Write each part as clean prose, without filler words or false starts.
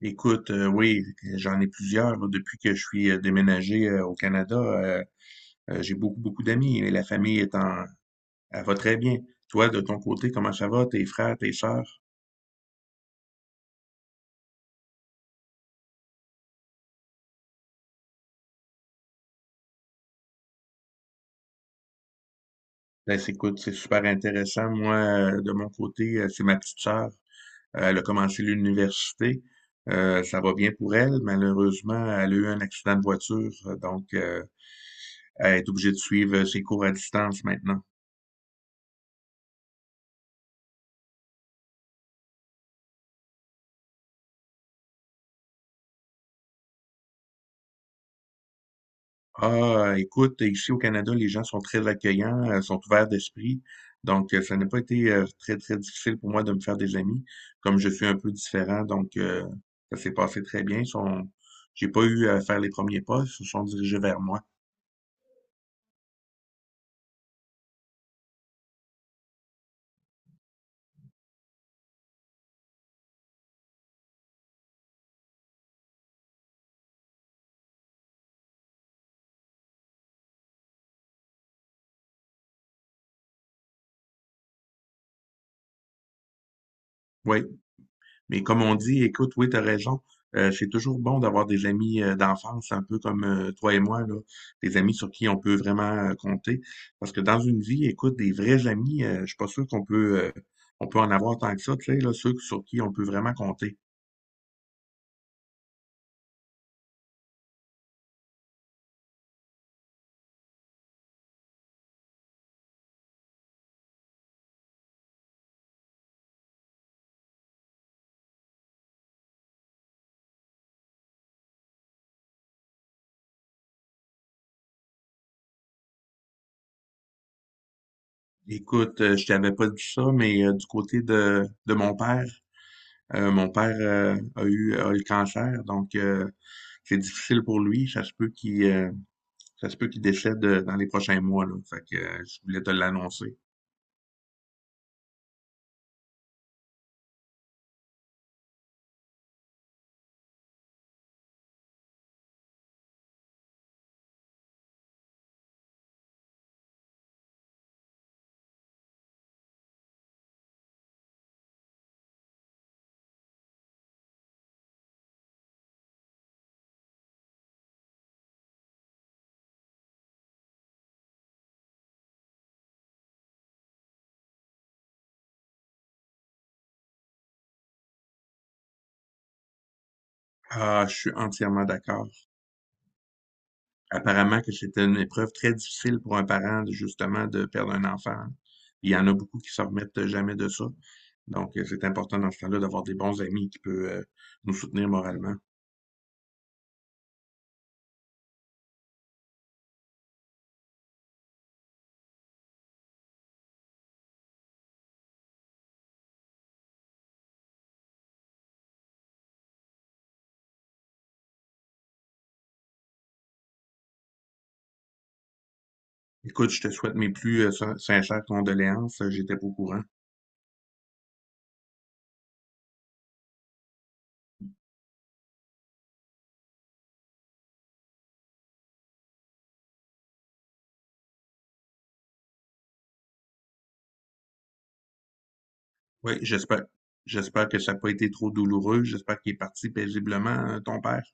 Écoute, oui, j'en ai plusieurs là, depuis que je suis déménagé au Canada. J'ai beaucoup d'amis et la famille est elle va très bien. Toi, de ton côté, comment ça va? Tes frères, tes sœurs? Écoute, c'est super intéressant. Moi, de mon côté, c'est ma petite sœur. Elle a commencé l'université. Ça va bien pour elle. Malheureusement, elle a eu un accident de voiture, donc elle est obligée de suivre ses cours à distance maintenant. Ah, écoute, ici au Canada, les gens sont très accueillants, sont ouverts d'esprit. Donc, ça n'a pas été très difficile pour moi de me faire des amis, comme je suis un peu différent. Donc, ça s'est passé très bien. J'ai pas eu à faire les premiers pas, ils se sont dirigés vers moi. Oui. Mais comme on dit, écoute, oui, t'as raison. C'est toujours bon d'avoir des amis d'enfance, un peu comme toi et moi, là, des amis sur qui on peut vraiment compter. Parce que dans une vie, écoute, des vrais amis, je suis pas sûr qu'on peut, on peut en avoir tant que ça, tu sais, là, ceux sur qui on peut vraiment compter. Écoute, je t'avais pas dit ça, mais du côté de mon père a eu le cancer, donc c'est difficile pour lui. Ça se peut qu'il décède dans les prochains mois, là. Fait que je voulais te l'annoncer. Ah, je suis entièrement d'accord. Apparemment que c'était une épreuve très difficile pour un parent, justement, de perdre un enfant, hein. Il y en a beaucoup qui ne se remettent jamais de ça. Donc, c'est important dans ce temps-là d'avoir des bons amis qui peuvent euh, nous soutenir moralement. Écoute, je te souhaite mes plus sincères condoléances. J'étais pas au courant. Oui, j'espère. J'espère que ça n'a pas été trop douloureux. J'espère qu'il est parti paisiblement, hein, ton père.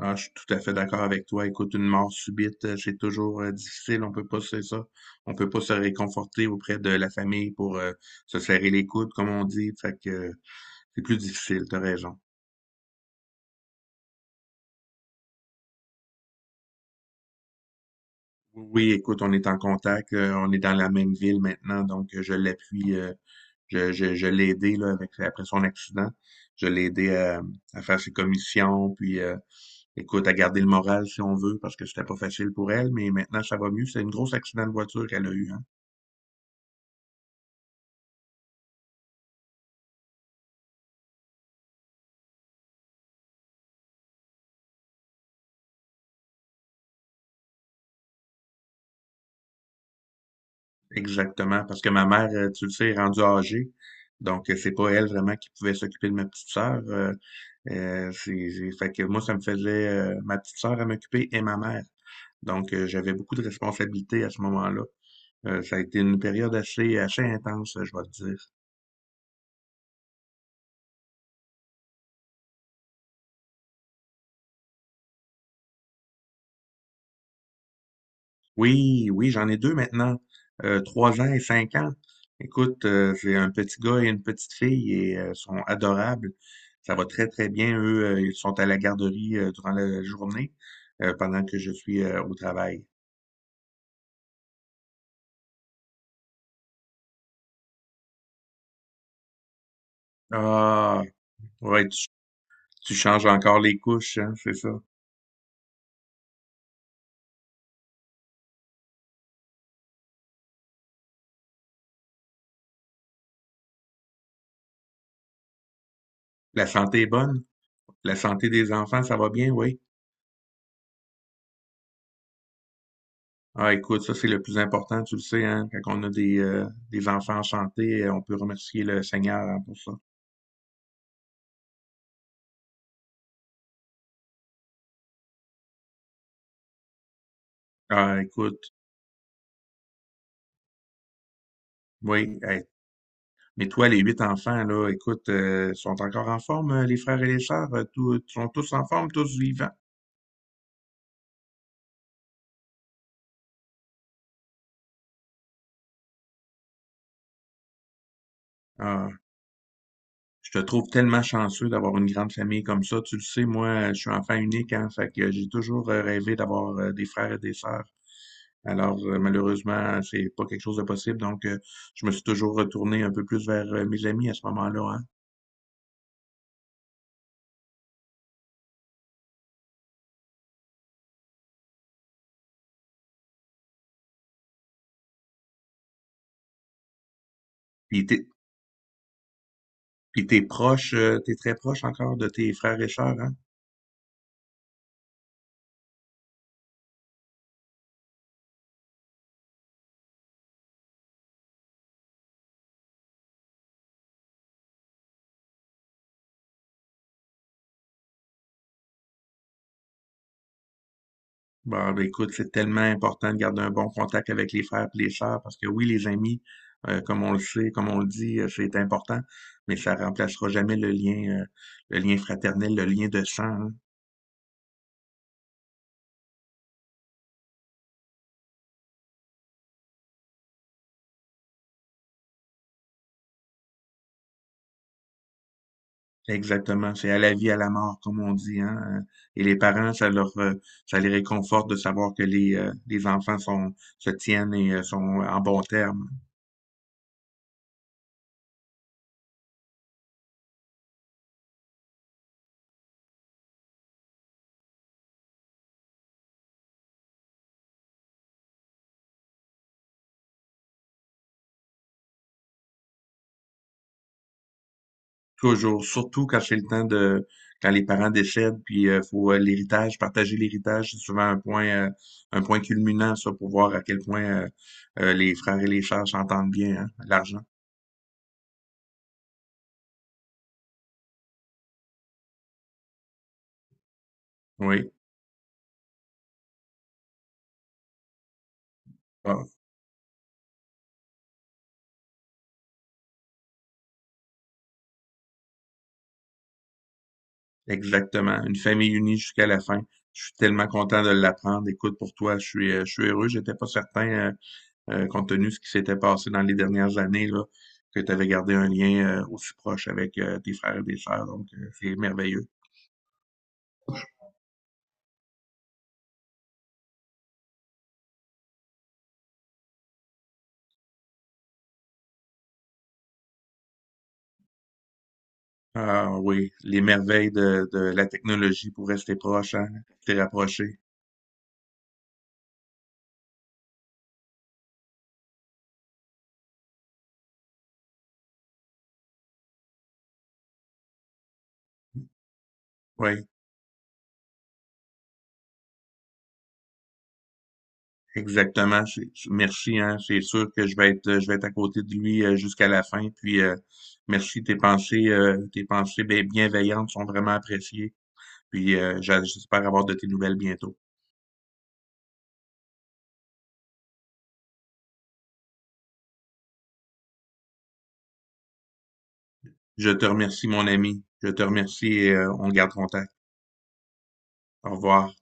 Ah, je suis tout à fait d'accord avec toi. Écoute, une mort subite, c'est toujours difficile. On peut pas, c'est ça. On peut pas se réconforter auprès de la famille pour se serrer les coudes, comme on dit. Fait que c'est plus difficile, t'as raison. Oui, oui, écoute, on est en contact. On est dans la même ville maintenant, donc je l'appuie. Je l'ai aidé là, avec, après son accident. Je l'ai aidé à faire ses commissions, puis écoute, à garder le moral si on veut, parce que c'était pas facile pour elle, mais maintenant ça va mieux. C'est un gros accident de voiture qu'elle a eu, hein. Exactement, parce que ma mère, tu le sais, est rendue âgée. Donc, c'est pas elle vraiment qui pouvait s'occuper de ma petite sœur. Fait que moi, ça me faisait ma petite sœur à m'occuper et ma mère. Donc, j'avais beaucoup de responsabilités à ce moment-là. Ça a été une période assez intense, je vais te dire. Oui, oui, j'en ai deux maintenant, 3 ans et 5 ans. Écoute, c'est un petit gars et une petite fille et sont adorables. Ça va très bien. Eux, ils sont à la garderie durant la journée pendant que je suis au travail. Ah, ouais, tu changes encore les couches, hein, c'est ça. La santé est bonne. La santé des enfants, ça va bien, oui. Ah, écoute, ça, c'est le plus important, tu le sais, hein, quand on a des enfants en santé, on peut remercier le Seigneur, hein, pour ça. Ah, écoute, Oui, hey. Mais toi, les 8 enfants, là, écoute, sont encore en forme, les frères et les sœurs, sont tous en forme, tous vivants. Ah, je te trouve tellement chanceux d'avoir une grande famille comme ça. Tu le sais, moi, je suis enfant unique, hein, fait que j'ai toujours rêvé d'avoir des frères et des sœurs. Alors, malheureusement, c'est pas quelque chose de possible, donc je me suis toujours retourné un peu plus vers mes amis à ce moment-là, hein. Puis t'es, puis t'es proche, t'es très proche encore de tes frères et sœurs, hein? Bon, ben, écoute, c'est tellement important de garder un bon contact avec les frères et les sœurs parce que oui, les amis, comme on le sait, comme on le dit, c'est important, mais ça remplacera jamais le lien, le lien fraternel, le lien de sang, hein. Exactement, c'est à la vie, à la mort, comme on dit, hein. Et les parents, ça les réconforte de savoir que les enfants se tiennent et sont en bon terme. Toujours, surtout quand c'est le temps de quand les parents décèdent, puis faut partager l'héritage, c'est souvent un point culminant, ça, pour voir à quel point les frères et les sœurs s'entendent bien, hein, l'argent. Oui, Ah, Exactement. Une famille unie jusqu'à la fin. Je suis tellement content de l'apprendre. Écoute, pour toi, je suis heureux. J'étais pas certain, compte tenu de ce qui s'était passé dans les dernières années, là, que tu avais gardé un lien aussi proche avec tes frères et tes sœurs. Donc, c'est merveilleux. Ah oui, les merveilles de la technologie pour rester proche, hein, rester rapproché. Oui, exactement. Merci, hein. C'est sûr que je vais être à côté de lui jusqu'à la fin. Puis merci, tes bienveillantes sont vraiment appréciées. Puis j'espère avoir de tes nouvelles bientôt. Je te remercie, mon ami. Je te remercie et on garde contact. Au revoir.